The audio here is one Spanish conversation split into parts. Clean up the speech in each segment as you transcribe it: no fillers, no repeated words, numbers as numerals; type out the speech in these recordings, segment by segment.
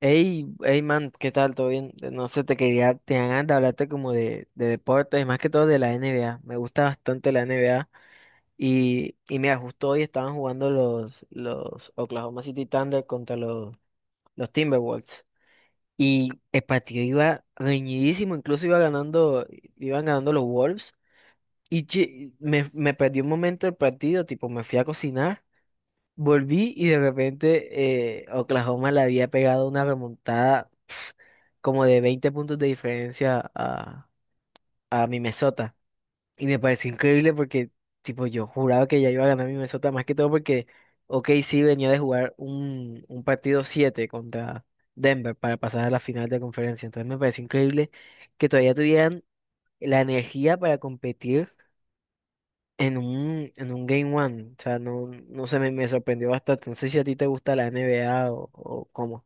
Hey, hey man, ¿qué tal? ¿Todo bien? No sé, te ganas de hablarte como de deportes, más que todo de la NBA. Me gusta bastante la NBA. Y mira, justo hoy estaban jugando los Oklahoma City Thunder contra los Timberwolves. Y el partido iba reñidísimo, incluso iban ganando los Wolves. Y che, me perdí un momento del partido, tipo, me fui a cocinar, volví y de repente Oklahoma le había pegado una remontada como de 20 puntos de diferencia a mi Minnesota. Y me pareció increíble porque, tipo, yo juraba que ya iba a ganar mi Minnesota, más que todo porque ok, sí venía de jugar un partido 7 contra Denver para pasar a la final de conferencia. Entonces me pareció increíble que todavía tuvieran la energía para competir en un Game One. O sea, no, no sé, me sorprendió bastante. No sé si a ti te gusta la NBA o cómo.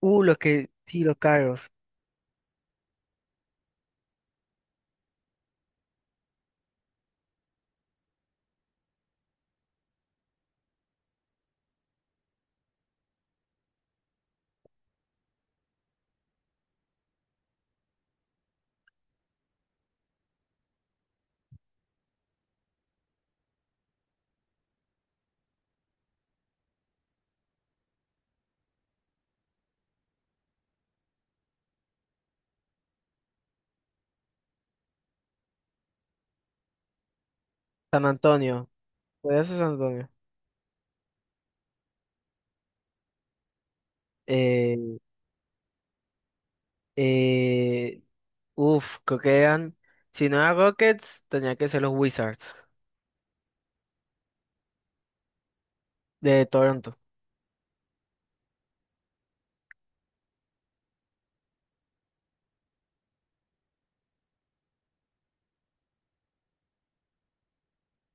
Los que, sí, los carros. San Antonio. ¿Podrías ser San Antonio? Eh, eh, uf, creo que eran. Si no era Rockets, tenía que ser los Wizards de Toronto.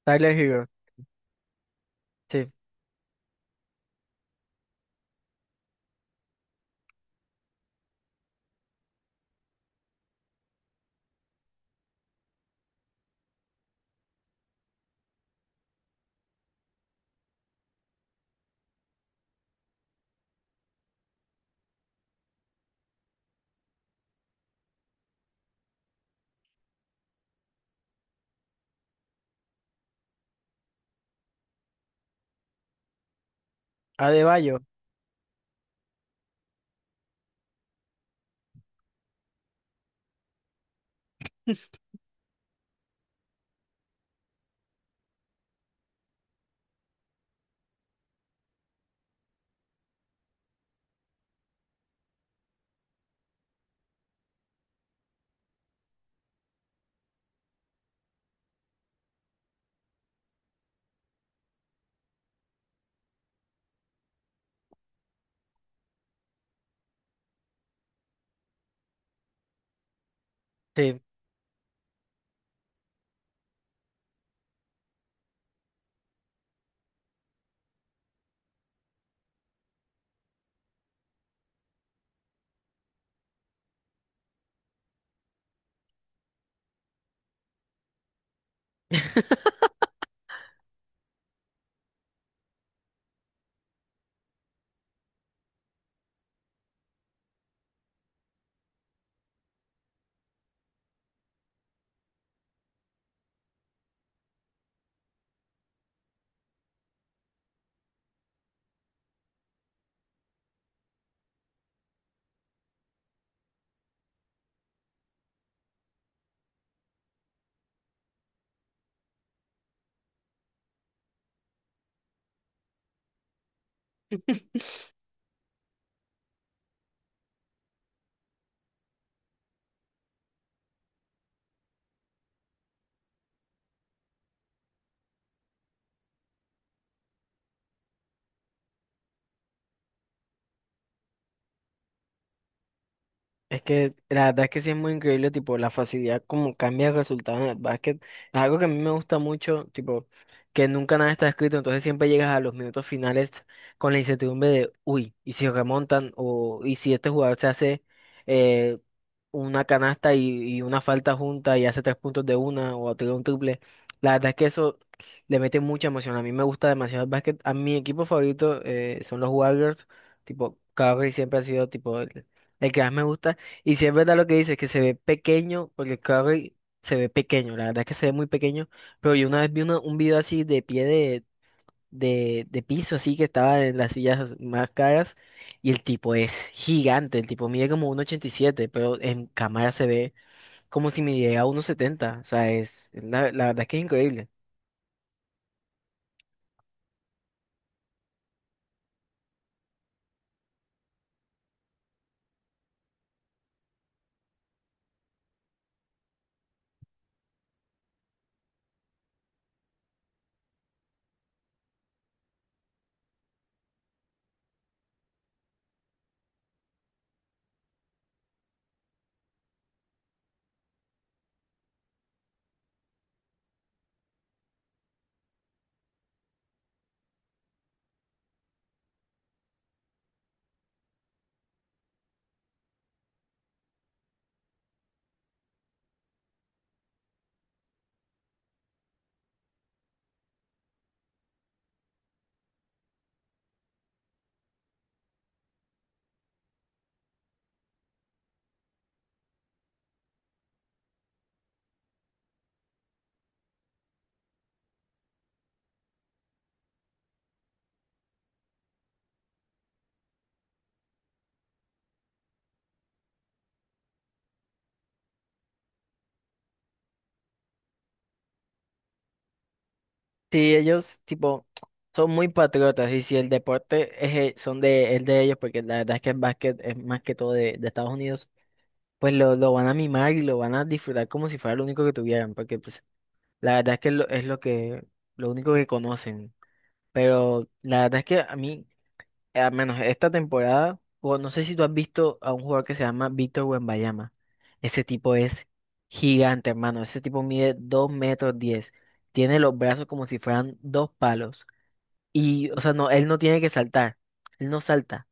Tyler Hero, sí. Adebayo, sí. Es que la verdad es que sí es muy increíble, tipo, la facilidad como cambia el resultado en el básquet. Es algo que a mí me gusta mucho, tipo, que nunca nada está escrito, entonces siempre llegas a los minutos finales con la incertidumbre de, uy, y si remontan, o y si este jugador se hace eh, una canasta y una falta junta y hace 3 puntos de una o tira un triple. La verdad es que eso le mete mucha emoción. A mí me gusta demasiado el básquet. A mi equipo favorito son los Warriors, tipo, Curry siempre ha sido, tipo, el que más me gusta. Y si es verdad lo que dices, que se ve pequeño, porque Curry se ve pequeño, la verdad es que se ve muy pequeño, pero yo una vez vi un video así de pie de piso, así que estaba en las sillas más caras, y el tipo es gigante, el tipo mide como 1,87, pero en cámara se ve como si midiera 1,70, o sea, la verdad es que es increíble. Sí, ellos, tipo, son muy patriotas, y si el deporte es, el son de, el de ellos, porque la verdad es que el básquet es más que todo de Estados Unidos. Pues lo van a mimar y lo van a disfrutar como si fuera lo único que tuvieran, porque pues la verdad es que lo único que conocen. Pero la verdad es que a mí, al menos esta temporada, o no sé si tú has visto a un jugador que se llama Víctor Wembanyama. Ese tipo es gigante, hermano. Ese tipo mide 2,10 metros. Tiene los brazos como si fueran dos palos. Y, o sea, no, él no tiene que saltar. Él no salta.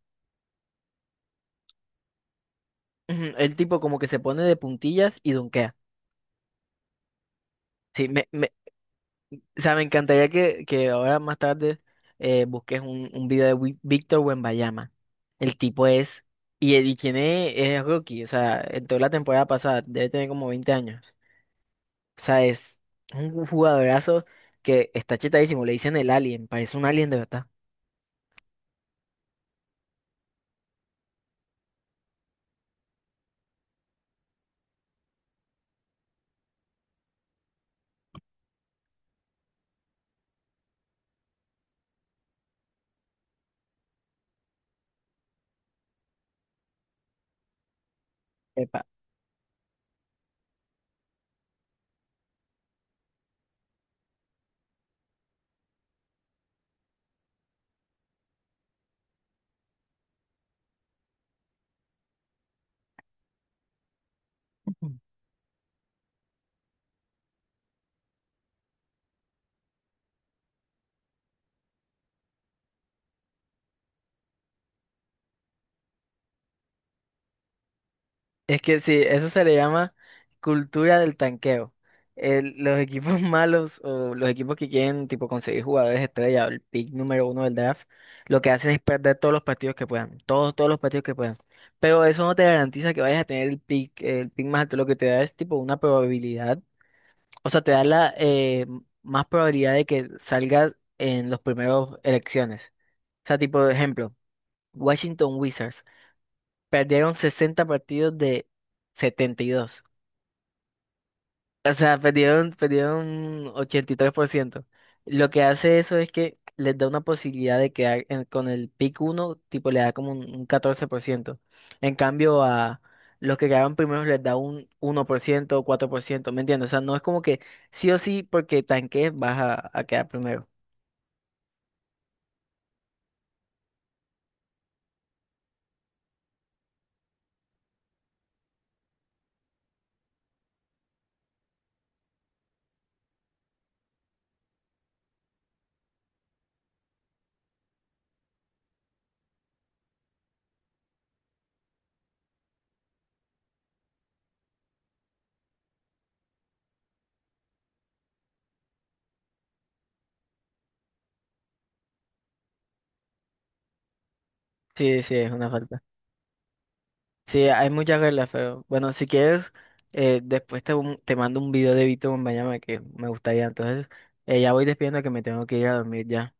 Ujú, el tipo como que se pone de puntillas y dunkea. Sí, o sea, me encantaría que ahora más tarde busques un video de Víctor Wembanyama. El tipo es, y tiene, es rookie, o sea, en toda la temporada pasada, debe tener como 20 años. O sea, es un jugadorazo que está chetadísimo, le dicen el alien, parece un alien de verdad. Epa. Es que sí, eso se le llama cultura del tanqueo. Los equipos malos o los equipos que quieren tipo conseguir jugadores estrella, o el pick número uno del draft, lo que hacen es perder todos los partidos que puedan, todos los partidos que puedan. Pero eso no te garantiza que vayas a tener el pick más alto, lo que te da es tipo una probabilidad, o sea, te da la más probabilidad de que salgas en los primeros elecciones. O sea, tipo, de ejemplo, Washington Wizards perdieron 60 partidos de 72. O sea, perdieron 83%. Lo que hace eso es que les da una posibilidad de quedar con el pick uno, tipo le da como un 14%. En cambio, a los que quedaron primeros les da un 1% o 4%, ¿me entiendes? O sea, no es como que sí o sí porque tanques vas a quedar primero. Sí, sí, es una falta. Sí, hay muchas reglas, pero bueno, si quieres, después te mando un video de Vito Bombayama que me gustaría. Entonces, ya voy despidiendo que me tengo que ir a dormir ya.